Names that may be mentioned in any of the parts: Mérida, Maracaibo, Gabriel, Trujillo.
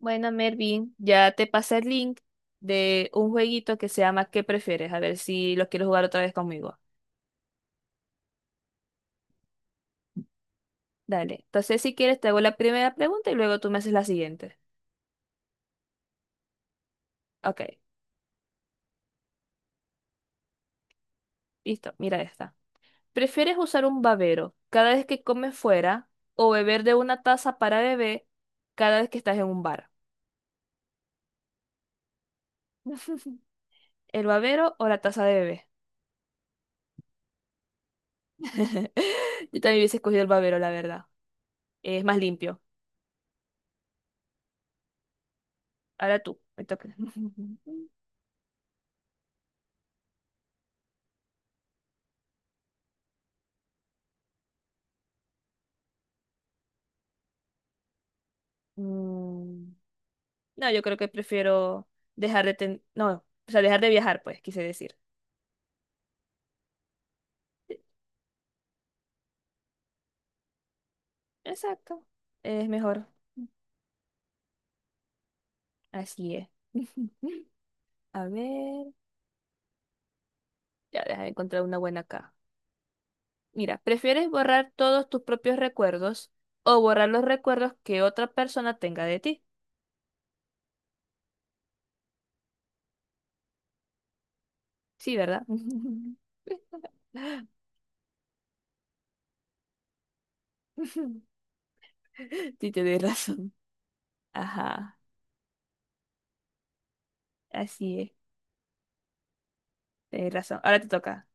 Bueno, Mervin, ya te pasé el link de un jueguito que se llama ¿Qué prefieres? A ver si lo quieres jugar otra vez conmigo. Dale. Entonces, si quieres, te hago la primera pregunta y luego tú me haces la siguiente. Ok, listo, mira esta. ¿Prefieres usar un babero cada vez que comes fuera o beber de una taza para bebé cada vez que estás en un bar? ¿El babero o la taza de bebé? Yo también hubiese escogido el babero, la verdad. Es más limpio. Ahora tú, me toca. Mm, No, yo creo que prefiero No, o sea, dejar de viajar, pues, quise decir. Exacto. Es mejor. Así es. A ver. Ya, déjame encontrar una buena acá. Mira, ¿prefieres borrar todos tus propios recuerdos o borrar los recuerdos que otra persona tenga de ti? Sí, ¿verdad? Sí, tienes razón. Ajá. Así es. Tienes razón. Ahora te toca.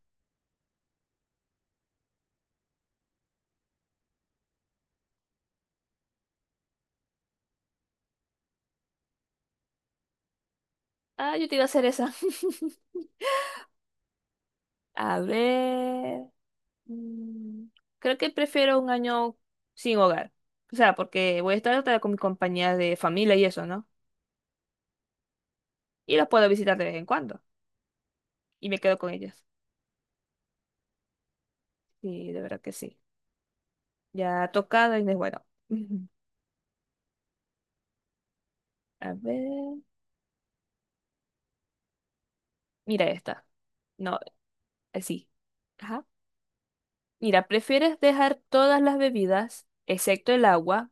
Ah, yo te iba a hacer esa. A ver. Mm, Creo que prefiero un año sin hogar. O sea, porque voy a estar hasta con mi compañía de familia y eso, ¿no? Y las puedo visitar de vez en cuando. Y me quedo con ellas. Sí, de verdad que sí. Ya tocada y no es bueno. Ujú. A ver. Mira esta. No, así. Ajá. Mira, ¿prefieres dejar todas las bebidas, excepto el agua,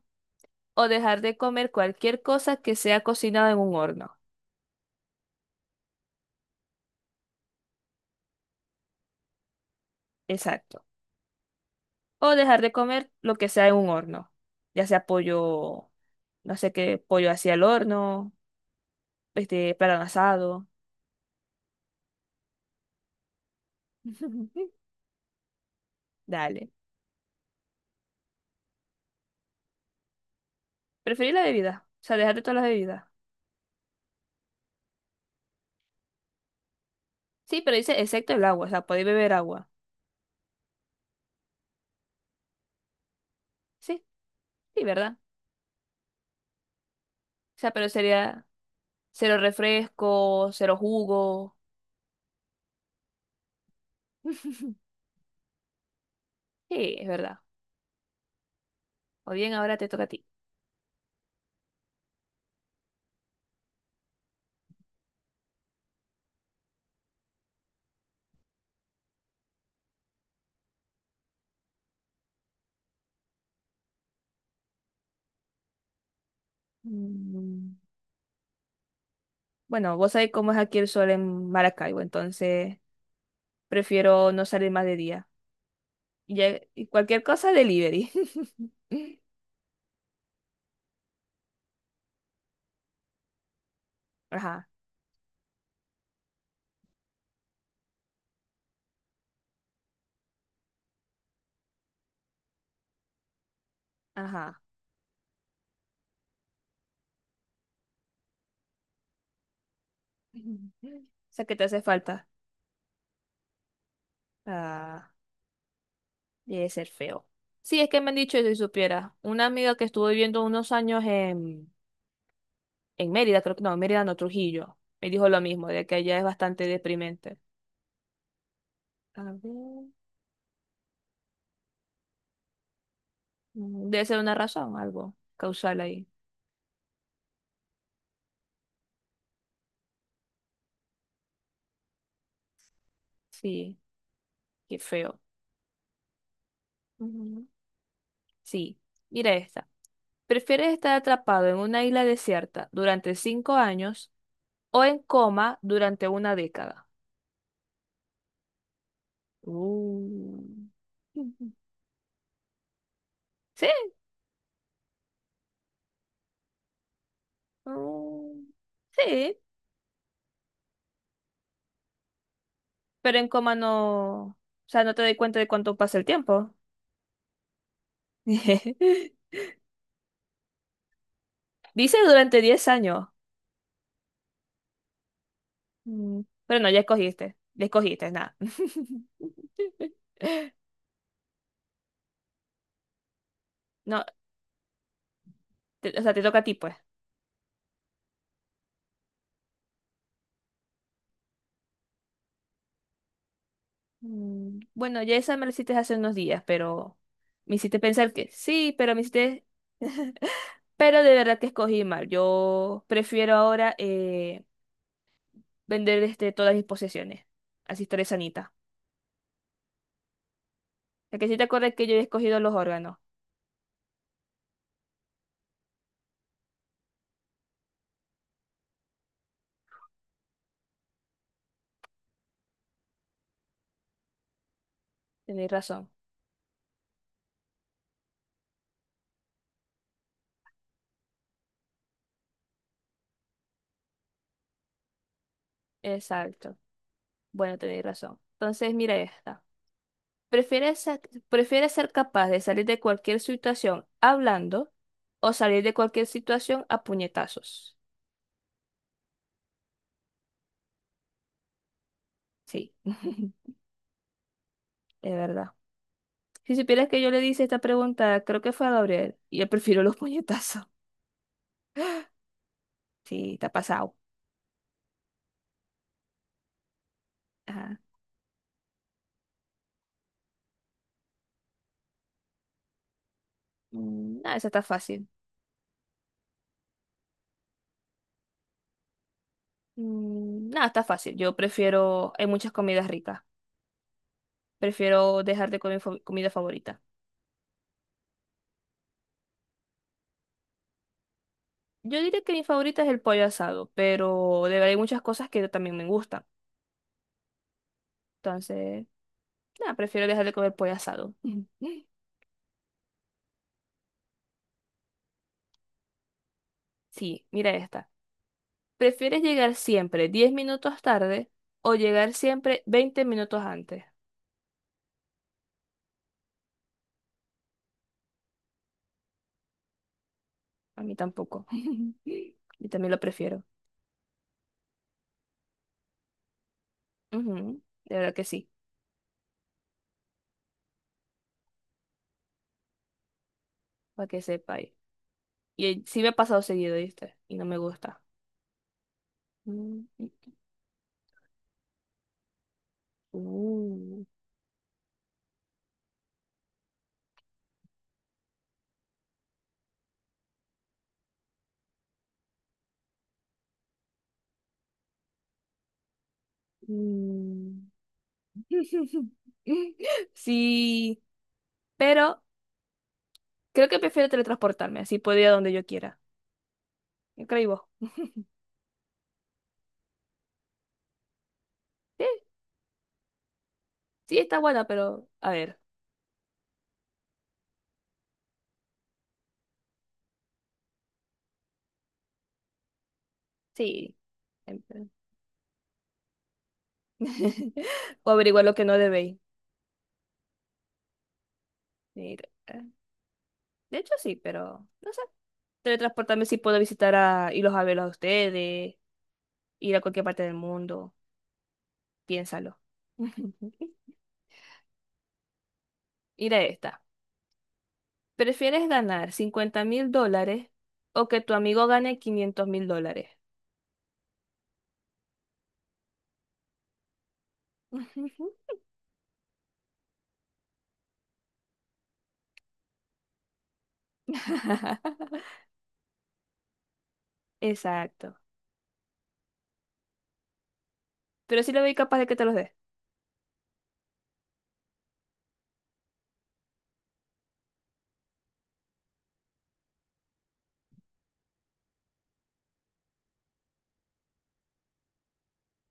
o dejar de comer cualquier cosa que sea cocinada en un horno? Exacto. O dejar de comer lo que sea en un horno, ya sea pollo, no sé qué, pollo hacia el horno, este, plátano asado. Dale. Preferir la bebida, o sea, dejar de todas las bebidas. Sí, pero dice excepto el agua, o sea, podéis beber agua. Sí, sí, ¿verdad? O sea, pero sería cero refresco, cero jugo. Sí, es verdad. O bien, ahora te toca a ti. Mm, Bueno, vos sabés cómo es aquí el sol en Maracaibo, entonces prefiero no salir más de día. Y cualquier cosa, delivery. Ajá, ajá. O sea, ¿qué te hace falta? Ah, debe ser feo. Sí, es que me han dicho eso y si supiera. Una amiga que estuvo viviendo unos años en Mérida, creo que no, en Mérida no, Trujillo, me dijo lo mismo, de que allá es bastante deprimente. A ver. Debe ser una razón, algo causal ahí. Sí, qué feo. Ujú. Sí, mira esta. ¿Prefieres estar atrapado en una isla desierta durante 5 años o en coma durante una década? Uh. Sí, uh, sí, pero en coma no, o sea, no te doy cuenta de cuánto pasa el tiempo. Dice durante 10 años. Pero no, ya escogiste, nada. No, o sea, te toca a ti, pues. Bueno, ya esa me la hiciste hace unos días, pero me hiciste pensar que sí, pero me hiciste. Pero de verdad que escogí mal. Yo prefiero ahora vender este, todas mis posesiones. Así estaré sanita. Es que si te acuerdas que yo he escogido los órganos. Tenéis razón. Exacto. Bueno, tenéis razón. Entonces, mira esta. ¿Prefieres, prefieres ser capaz de salir de cualquier situación hablando o salir de cualquier situación a puñetazos? Sí, es verdad. Si supieras que yo le hice esta pregunta, creo que fue a Gabriel, y yo prefiero los puñetazos. Sí, está pasado. Ajá. Ah, esa está fácil. Nada, está fácil. Yo prefiero, hay muchas comidas ricas. Prefiero dejar de comer comida favorita. Yo diría que mi favorita es el pollo asado, pero de verdad hay muchas cosas que también me gustan. Entonces, nada, prefiero dejar de comer pollo asado. Sí, mira esta. ¿Prefieres llegar siempre 10 minutos tarde o llegar siempre 20 minutos antes? A mí tampoco. Yo también lo prefiero. Ujú, de verdad que sí, para que sepa. Y sí me ha pasado seguido, ¿viste? Y no me gusta. Mm. Uh, mm. Sí, pero creo que prefiero teletransportarme, así puedo ir a donde yo quiera. ¿Qué creí vos? Sí, sí, está buena, pero a ver, sí. em, pero- O averiguar lo que no debéis. Mira, de hecho, sí, pero no sé. Teletransportarme sí puedo visitar a irlos a verlos a ustedes, ir a cualquier parte del mundo. Piénsalo. Mira esta. ¿Prefieres ganar $50.000 o que tu amigo gane $500.000? Ujú. Exacto. Pero sí le veo capaz de que te los dé.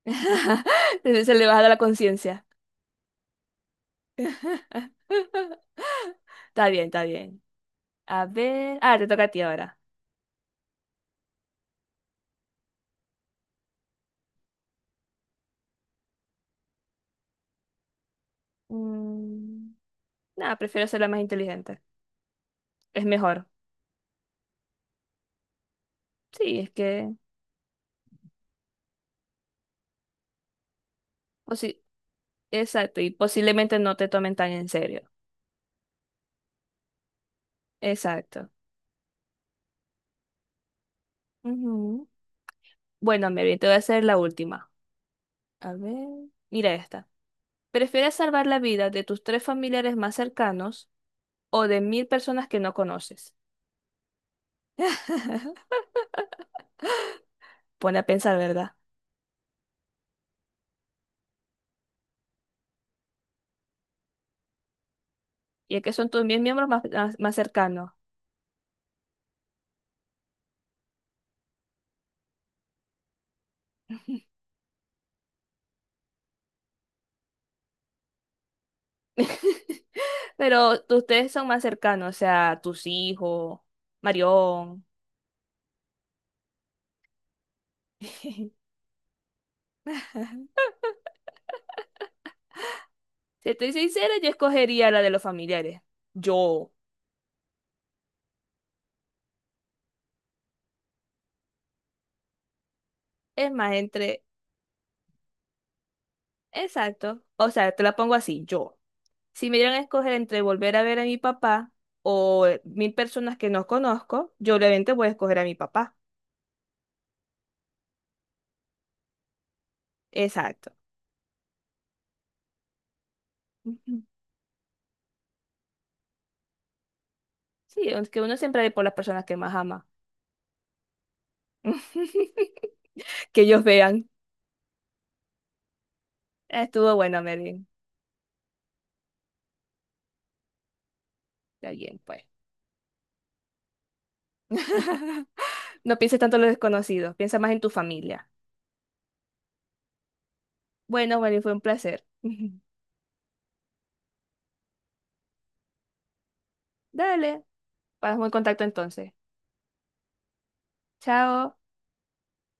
Se le baja la conciencia. Está bien, está bien. A ver. Ah, te toca a ti ahora. Mm, Nada, prefiero ser la más inteligente. Es mejor. Sí, es que, o sí, exacto. Y posiblemente no te tomen tan en serio. Exacto. Ujú. Bueno, Mary, te voy a hacer la última. A ver. Mira esta. ¿Prefieres salvar la vida de tus tres familiares más cercanos o de 1.000 personas que no conoces? Pone a pensar, ¿verdad? Y es que son tus 1.000 miembros más, más, más cercanos. Pero tus tres son más cercanos, o sea, tus hijos, Marión. Si estoy sincera, yo escogería la de los familiares. Yo. Es más, entre. Exacto. O sea, te la pongo así, yo. Si me dieran a escoger entre volver a ver a mi papá o 1.000 personas que no conozco, yo obviamente voy a escoger a mi papá. Exacto. Ujú. Sí, aunque uno siempre ve por las personas que más ama. Que ellos vean. Estuvo bueno, Merlin. Está bien, pues. No pienses tanto en los desconocidos, piensa más en tu familia. Bueno, Merlin, fue un placer. Dale, estamos en contacto entonces. Chao.